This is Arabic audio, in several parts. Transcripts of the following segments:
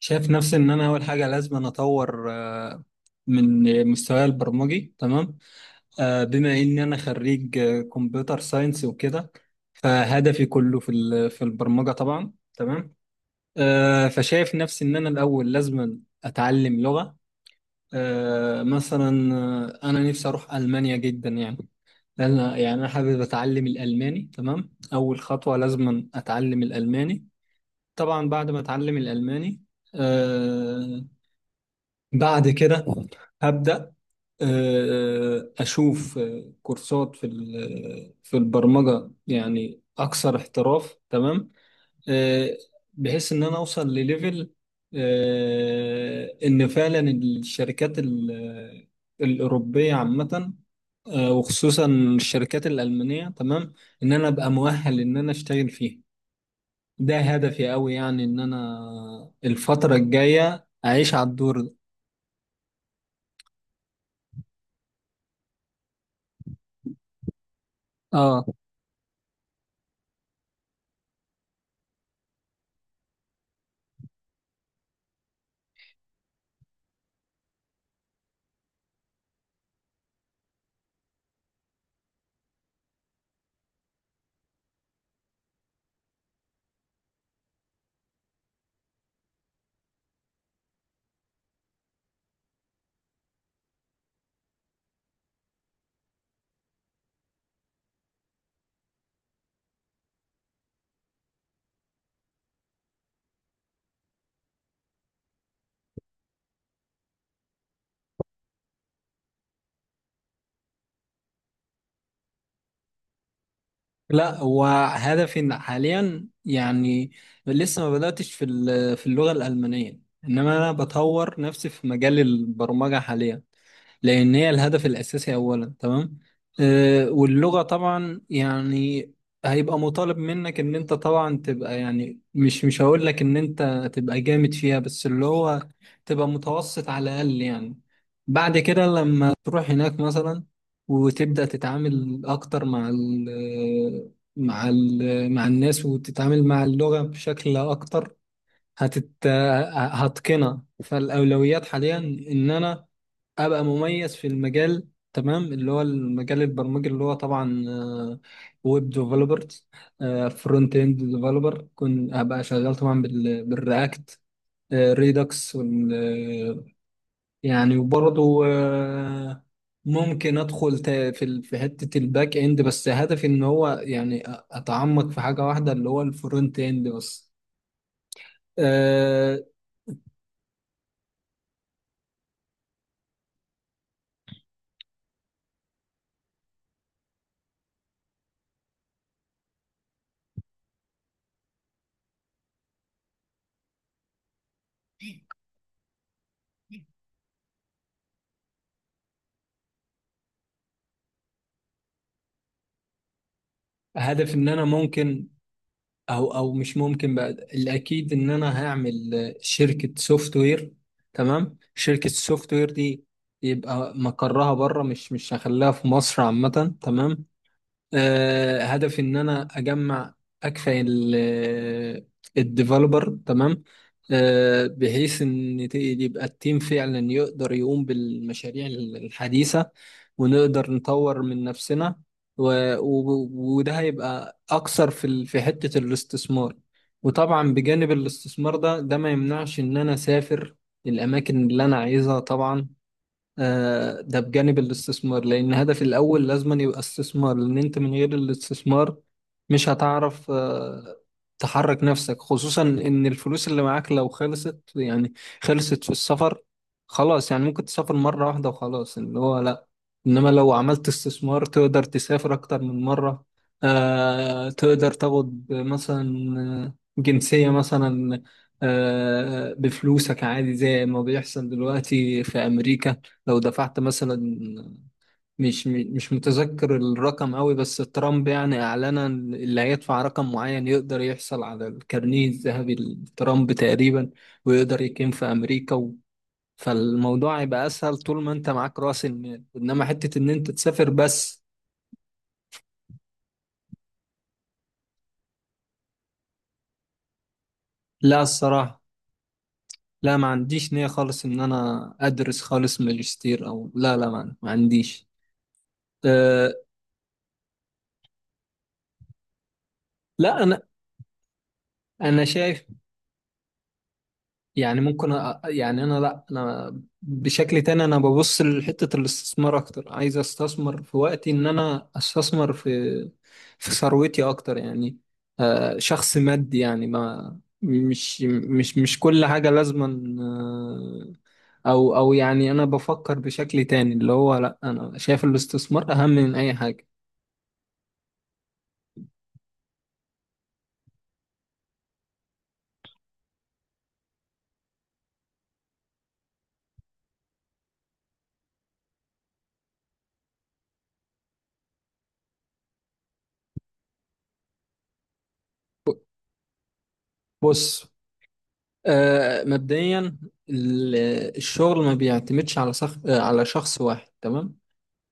شايف نفسي ان انا اول حاجه لازم أنا اطور من مستواي البرمجي. تمام. بما ان انا خريج كمبيوتر ساينس وكده. فهدفي كله في البرمجه طبعا. تمام. فشايف نفسي ان انا الاول لازم اتعلم لغه مثلا. انا نفسي اروح المانيا جدا يعني. لأن- يعني انا حابب اتعلم الالماني. تمام. اول خطوه لازم اتعلم الالماني طبعا. بعد ما اتعلم الالماني آه، بعد كده هبدأ أشوف كورسات في البرمجة، يعني أكثر احتراف. تمام. آه، بحيث إن أنا أوصل لليفل، إن فعلا الشركات الأوروبية عامة، وخصوصا الشركات الألمانية. تمام. إن أنا أبقى مؤهل إن أنا أشتغل فيها. ده هدفي أوي، يعني إن أنا الفترة الجاية أعيش على الدور ده. اه. لا، هو هدفي إن حاليا يعني لسه ما بدأتش في اللغة الألمانية. إنما أنا بطور نفسي في مجال البرمجة حاليا، لأن هي الهدف الأساسي أولا. تمام. واللغة طبعا يعني هيبقى مطالب منك إن أنت طبعا تبقى، يعني مش هقول لك إن أنت تبقى جامد فيها، بس اللي هو تبقى متوسط على الأقل يعني. بعد كده لما تروح هناك مثلا وتبدأ تتعامل أكتر مع الناس، وتتعامل مع اللغة بشكل أكتر هتت هتقنها. فالأولويات حاليا إن أنا ابقى مميز في المجال، تمام، اللي هو المجال البرمجي، اللي هو طبعا ويب ديفلوبر، فرونت اند ديفلوبر. كنت ابقى شغال طبعا بالرياكت، ريدكس يعني. وبرضه ممكن ادخل في حته الباك اند، بس هدفي ان هو يعني اتعمق في حاجه واحده اللي هو الفرونت اند بس. آه، هدف ان انا ممكن، او مش ممكن بقى، الاكيد ان انا هعمل شركه سوفت وير. تمام. شركه السوفت وير دي يبقى مقرها بره، مش هخليها في مصر عامه. تمام. هدفي ان انا اجمع اكفى الديفلوبر. تمام. بحيث ان يبقى التيم فعلا يقدر يقوم بالمشاريع الحديثة، ونقدر نطور من نفسنا و... و... وده هيبقى اكثر في حتة الاستثمار. وطبعا بجانب الاستثمار ده، ده ما يمنعش ان انا اسافر الاماكن اللي انا عايزها طبعا. ده بجانب الاستثمار، لأن الهدف الأول لازم يبقى استثمار. لأن أنت من غير الاستثمار مش هتعرف تحرك نفسك، خصوصا إن الفلوس اللي معاك لو خلصت، يعني خلصت في السفر، خلاص يعني ممكن تسافر مرة واحدة وخلاص، اللي هو لأ. إنما لو عملت استثمار تقدر تسافر أكتر من مرة. تقدر تاخد مثلا جنسية مثلا، بفلوسك عادي، زي ما بيحصل دلوقتي في أمريكا. لو دفعت مثلا، مش متذكر الرقم قوي، بس ترامب يعني اعلنا إن اللي هيدفع رقم معين يقدر يحصل على الكارنيه الذهبي لترامب تقريبا، ويقدر يقيم في امريكا فالموضوع هيبقى اسهل طول ما انت معاك راس المال، انما حتة ان انت تسافر بس. لا، الصراحة، لا، ما عنديش نية خالص ان انا ادرس خالص ماجستير، او لا، لا، ما عنديش. أه. لا، انا شايف، يعني ممكن يعني انا، لا، انا بشكل تاني، انا ببص لحتة الاستثمار اكتر، عايز استثمر في وقتي، ان انا استثمر في في ثروتي اكتر يعني. شخص مادي يعني، ما مش كل حاجة لازما. او يعني انا بفكر بشكل تاني، اللي هو لا، انا شايف الاستثمار اهم من اي حاجة. بص. مبدئيا ال- الشغل ما بيعتمدش على شخص واحد. تمام.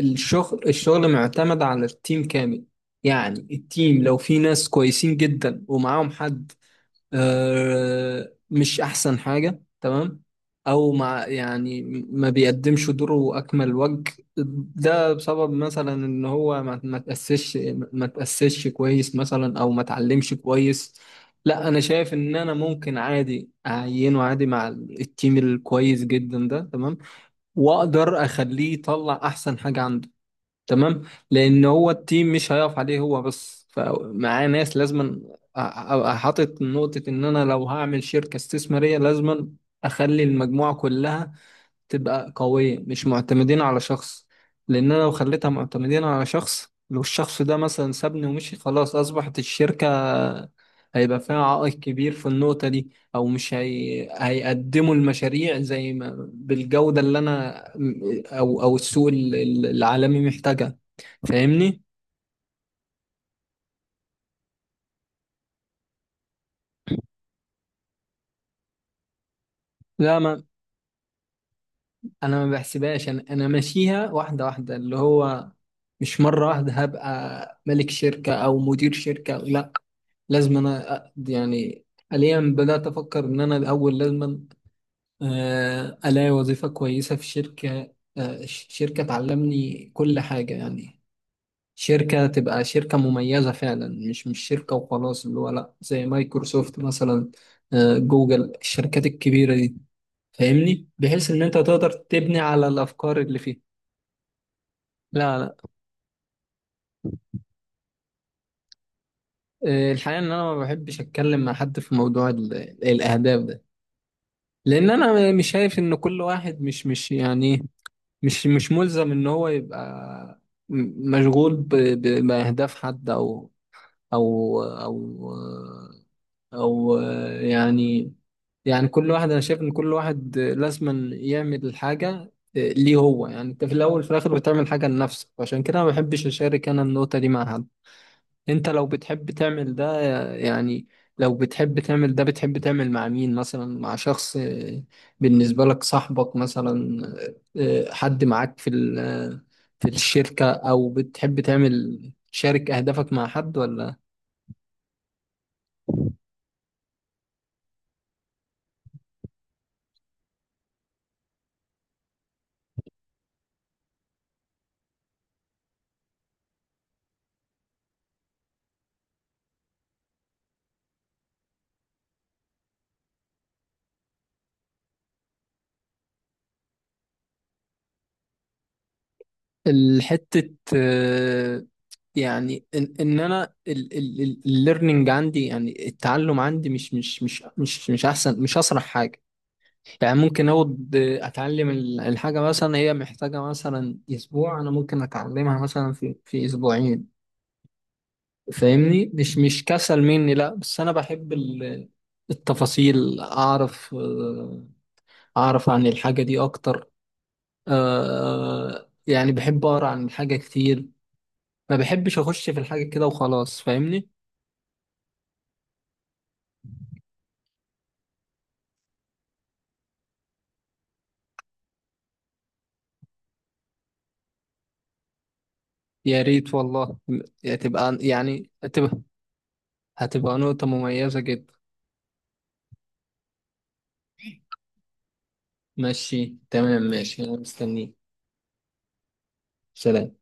الشغل الشغل معتمد على التيم كامل. يعني التيم لو في ناس كويسين جدا ومعاهم حد مش أحسن حاجة، تمام، أو مع يعني ما بيقدمش دوره أكمل وجه. ده بسبب مثلا إن هو ما تأسسش، ما تأسسش كويس مثلا، أو ما اتعلمش كويس. لا، أنا شايف إن أنا ممكن عادي أعينه عادي مع التيم الكويس جدا ده، تمام، وأقدر أخليه يطلع أحسن حاجة عنده. تمام. لان هو التيم مش هيقف عليه هو بس، فمعاه ناس لازم ابقى حاطط نقطة ان انا لو هعمل شركة استثمارية لازم اخلي المجموعة كلها تبقى قوية، مش معتمدين على شخص. لان انا لو خليتها معتمدين على شخص، لو الشخص ده مثلا سابني ومشي، خلاص اصبحت الشركة هيبقى فيها عائق كبير في النقطة دي، او مش هيقدموا المشاريع زي ما بالجودة اللي انا او السوق العالمي محتاجها. فاهمني؟ لا، ما انا ما بحسبهاش، انا ماشيها واحده واحده اللي هو مش مره واحده هبقى ملك شركه او مدير شركه، لا. لازم انا يعني حاليا بدات افكر ان انا الاول لازم الاقي وظيفه كويسه في شركه، شركه تعلمني كل حاجه، يعني شركه تبقى شركه مميزه فعلا، مش شركه وخلاص اللي هو لا، زي مايكروسوفت مثلا، جوجل، الشركات الكبيره دي. فاهمني؟ بحيث ان انت تقدر تبني على الافكار اللي فيه. لا، لا. الحقيقه ان انا ما بحبش اتكلم مع حد في موضوع الاهداف ده، لان انا مش شايف ان كل واحد مش يعني إيه، مش ملزم ان هو يبقى مشغول باهداف حد، او او او يعني كل واحد، انا شايف ان كل واحد لازم يعمل حاجه ليه هو. يعني انت في الاول في الاخر بتعمل حاجه لنفسك، عشان كده ما بحبش اشارك انا النقطه دي مع حد. انت لو بتحب تعمل ده يعني لو بتحب تعمل ده، بتحب تعمل مع مين مثلا؟ مع شخص بالنسبه لك، صاحبك مثلا؟ حد معاك في الشركه، او بتحب تعمل، شارك اهدافك مع حد، ولا؟ الحتة يعني ان انا الليرنينج عندي، يعني التعلم عندي مش احسن، مش اسرع حاجه. يعني ممكن اقعد اتعلم الحاجه، مثلا هي محتاجه مثلا اسبوع، انا ممكن اتعلمها مثلا في اسبوعين. فاهمني، مش كسل مني، لا، بس انا بحب التفاصيل، اعرف اعرف عن الحاجه دي اكتر. يعني بحب اقرا عن الحاجه كتير، ما بحبش اخش في الحاجه كده وخلاص. فاهمني؟ يا ريت والله. هتبقى هتبقى نقطه مميزه جدا. ماشي، تمام، ماشي، انا مستنيك. سلام.